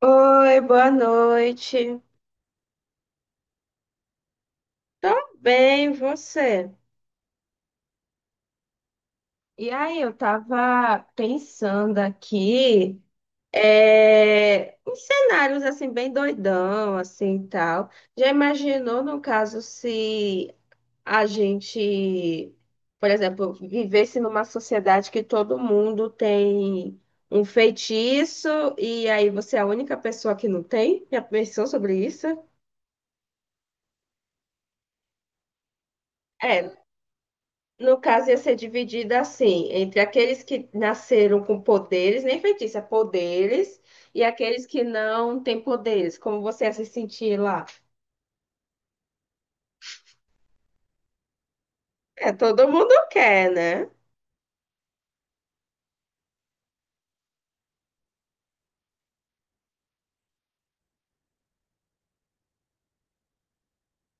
Oi, boa noite. Tô bem, você? E aí, eu tava pensando aqui, uns cenários assim bem doidão, assim e tal. Já imaginou no caso se a gente, por exemplo, vivesse numa sociedade que todo mundo tem um feitiço e aí você é a única pessoa que não tem? Já pensou sobre isso? É, no caso, ia ser dividida assim, entre aqueles que nasceram com poderes, nem feitiça, poderes, e aqueles que não têm poderes. Como você ia se sentir lá? É, todo mundo quer, né?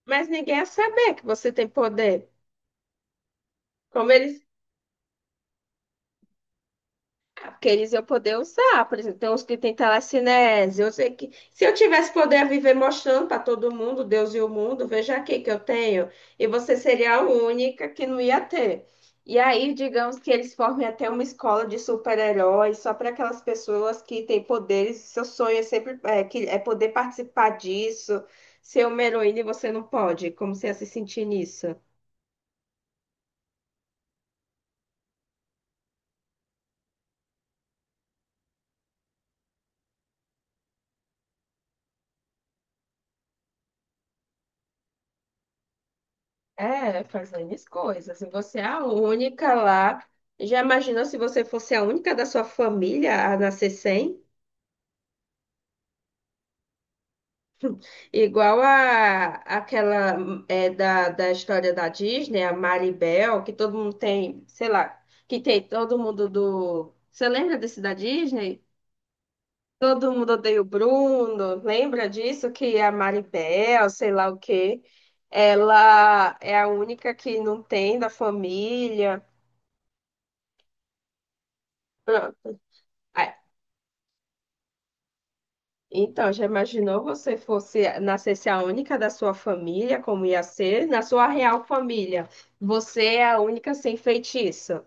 Mas ninguém ia saber que você tem poder. Como eles Ah, porque eles iam poder usar, por exemplo, tem uns que têm telecinese. Eu sei que se eu tivesse poder viver mostrando para todo mundo, Deus e o mundo, veja aqui que eu tenho, e você seria a única que não ia ter. E aí, digamos que eles formem até uma escola de super-heróis só para aquelas pessoas que têm poderes. Seu sonho é sempre é poder participar disso, ser uma heroína e você não pode. Como você ia se sentir nisso? É, fazendo as coisas. E você é a única lá. Já imaginou se você fosse a única da sua família a nascer sem? Igual a aquela da história da Disney, a Maribel, que todo mundo tem, sei lá, que tem todo mundo do. Você lembra desse da Disney? Todo mundo odeia o Bruno. Lembra disso? Que a Maribel, sei lá o quê. Ela é a única que não tem da família. Pronto. Então, já imaginou você fosse nascesse a única da sua família, como ia ser? Na sua real família, você é a única sem feitiço.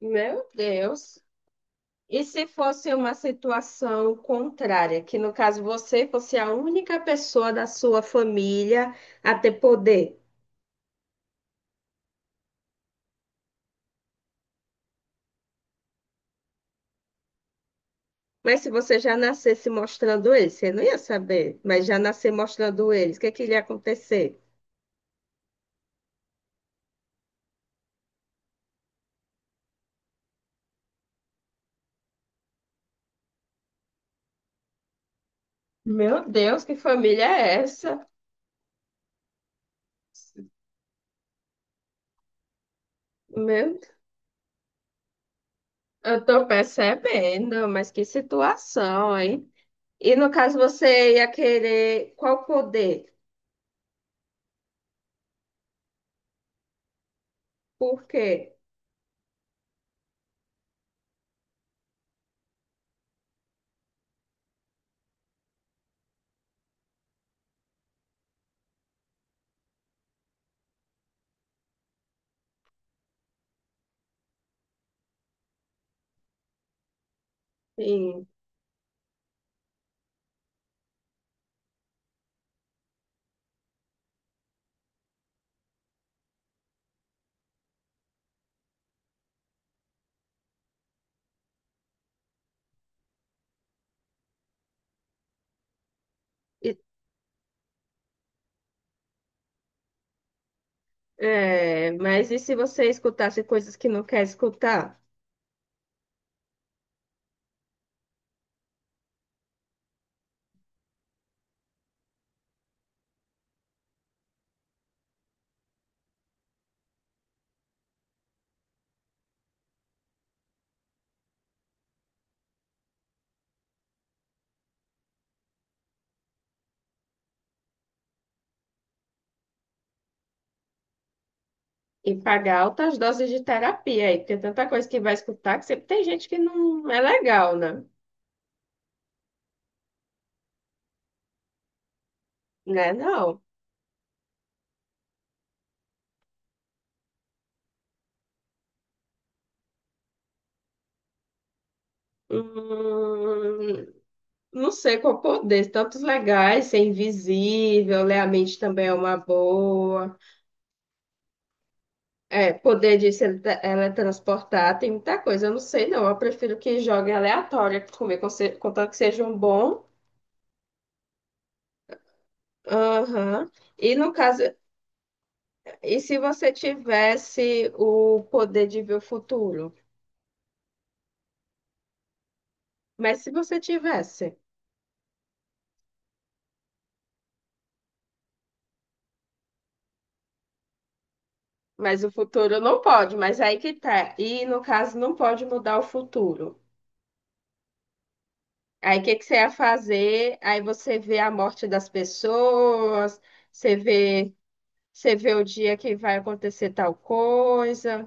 Meu Deus! E se fosse uma situação contrária, que no caso você fosse a única pessoa da sua família a ter poder? Mas se você já nascesse mostrando eles, você não ia saber, mas já nascer mostrando eles, o que é que iria acontecer? Meu Deus, que família é essa? Meu, eu tô percebendo, mas que situação, hein? E no caso você ia querer qual poder? Por quê? Sim. E- mas e se você escutasse coisas que não quer escutar? E pagar altas doses de terapia aí, porque tanta coisa que vai escutar que sempre tem gente que não é legal, né? Né, não. Hum, não sei qual poder, tantos legais, ser invisível, ler a mente também é uma boa. É, poder de se ele- tra- teletransportar tem muita coisa. Eu não sei, não. Eu prefiro que jogue aleatória comigo, contanto que sejam bom. Aham. E no caso, e se você tivesse o poder de ver o futuro? Mas se você tivesse, mas o futuro não pode, mas aí que tá. E no caso, não pode mudar o futuro. Aí o que que você ia fazer? Aí você vê a morte das pessoas, você vê, você vê o dia que vai acontecer tal coisa.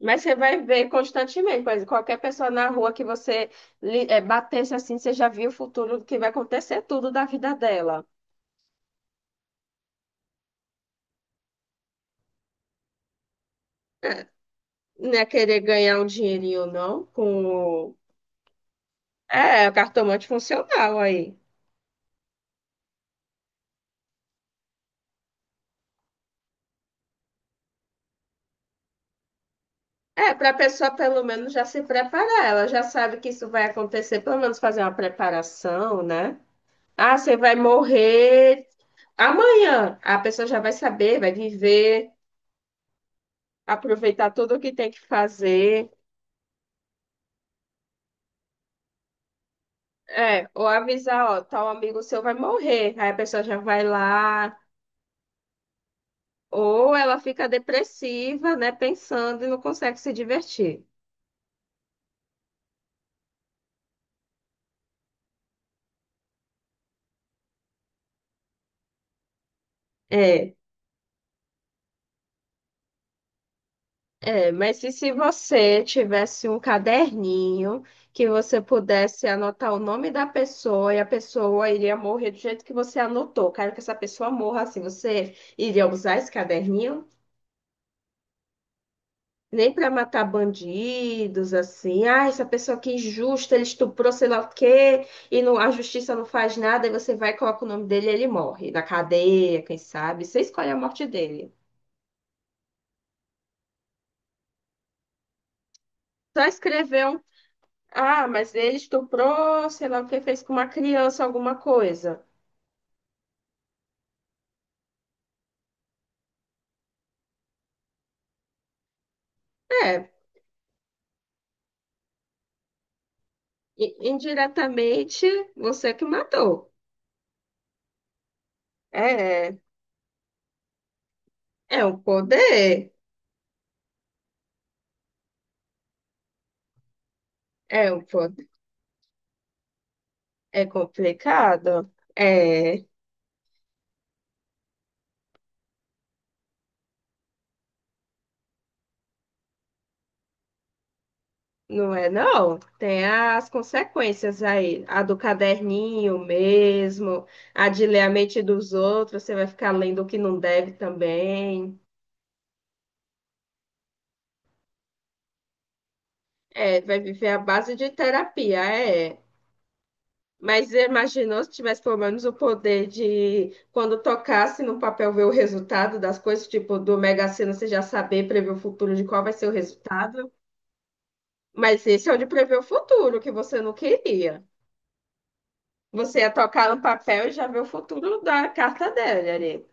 Mas você vai ver constantemente, por exemplo, qualquer pessoa na rua que você batesse assim, você já viu o futuro do que vai acontecer tudo da vida dela. Não é querer ganhar um dinheirinho, não, com... É, o cartomante funcional aí. É, para a pessoa pelo menos já se preparar, ela já sabe que isso vai acontecer, pelo menos fazer uma preparação, né? Ah, você vai morrer amanhã. A pessoa já vai saber, vai viver, aproveitar tudo o que tem que fazer. É, ou avisar, ó, tal amigo seu vai morrer. Aí a pessoa já vai lá, ou ela fica depressiva, né, pensando e não consegue se divertir. É, mas e se você tivesse um caderninho que você pudesse anotar o nome da pessoa e a pessoa iria morrer do jeito que você anotou? Quero que essa pessoa morra assim. Você iria usar esse caderninho? Nem para matar bandidos, assim. Ah, essa pessoa que é injusta, ele estuprou sei lá o quê, e não, a justiça não faz nada, e você vai e coloca o nome dele e ele morre. Na cadeia, quem sabe? Você escolhe a morte dele. Só escrever um. Ah, mas ele estuprou, sei lá o que, fez com uma criança alguma coisa. É, indiretamente você que matou. É, é um poder. É um poder. É complicado. É. Não é, não. Tem as consequências aí. A do caderninho mesmo, a de ler a mente dos outros, você vai ficar lendo o que não deve também. É, vai viver à base de terapia, é. Mas imaginou se tivesse pelo menos o poder de, quando tocasse no papel, ver o resultado das coisas, tipo do Mega Sena, você já saber prever o futuro de qual vai ser o resultado. Mas esse é o de prever o futuro, que você não queria. Você ia tocar no papel e já ver o futuro da carta dele ali.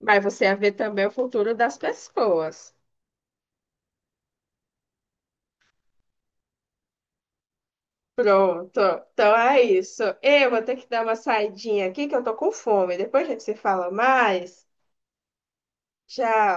Mas você ia ver também o futuro das pessoas. Pronto. Então é isso. Eu vou ter que dar uma saidinha aqui que eu tô com fome. Depois a gente se fala mais. Tchau.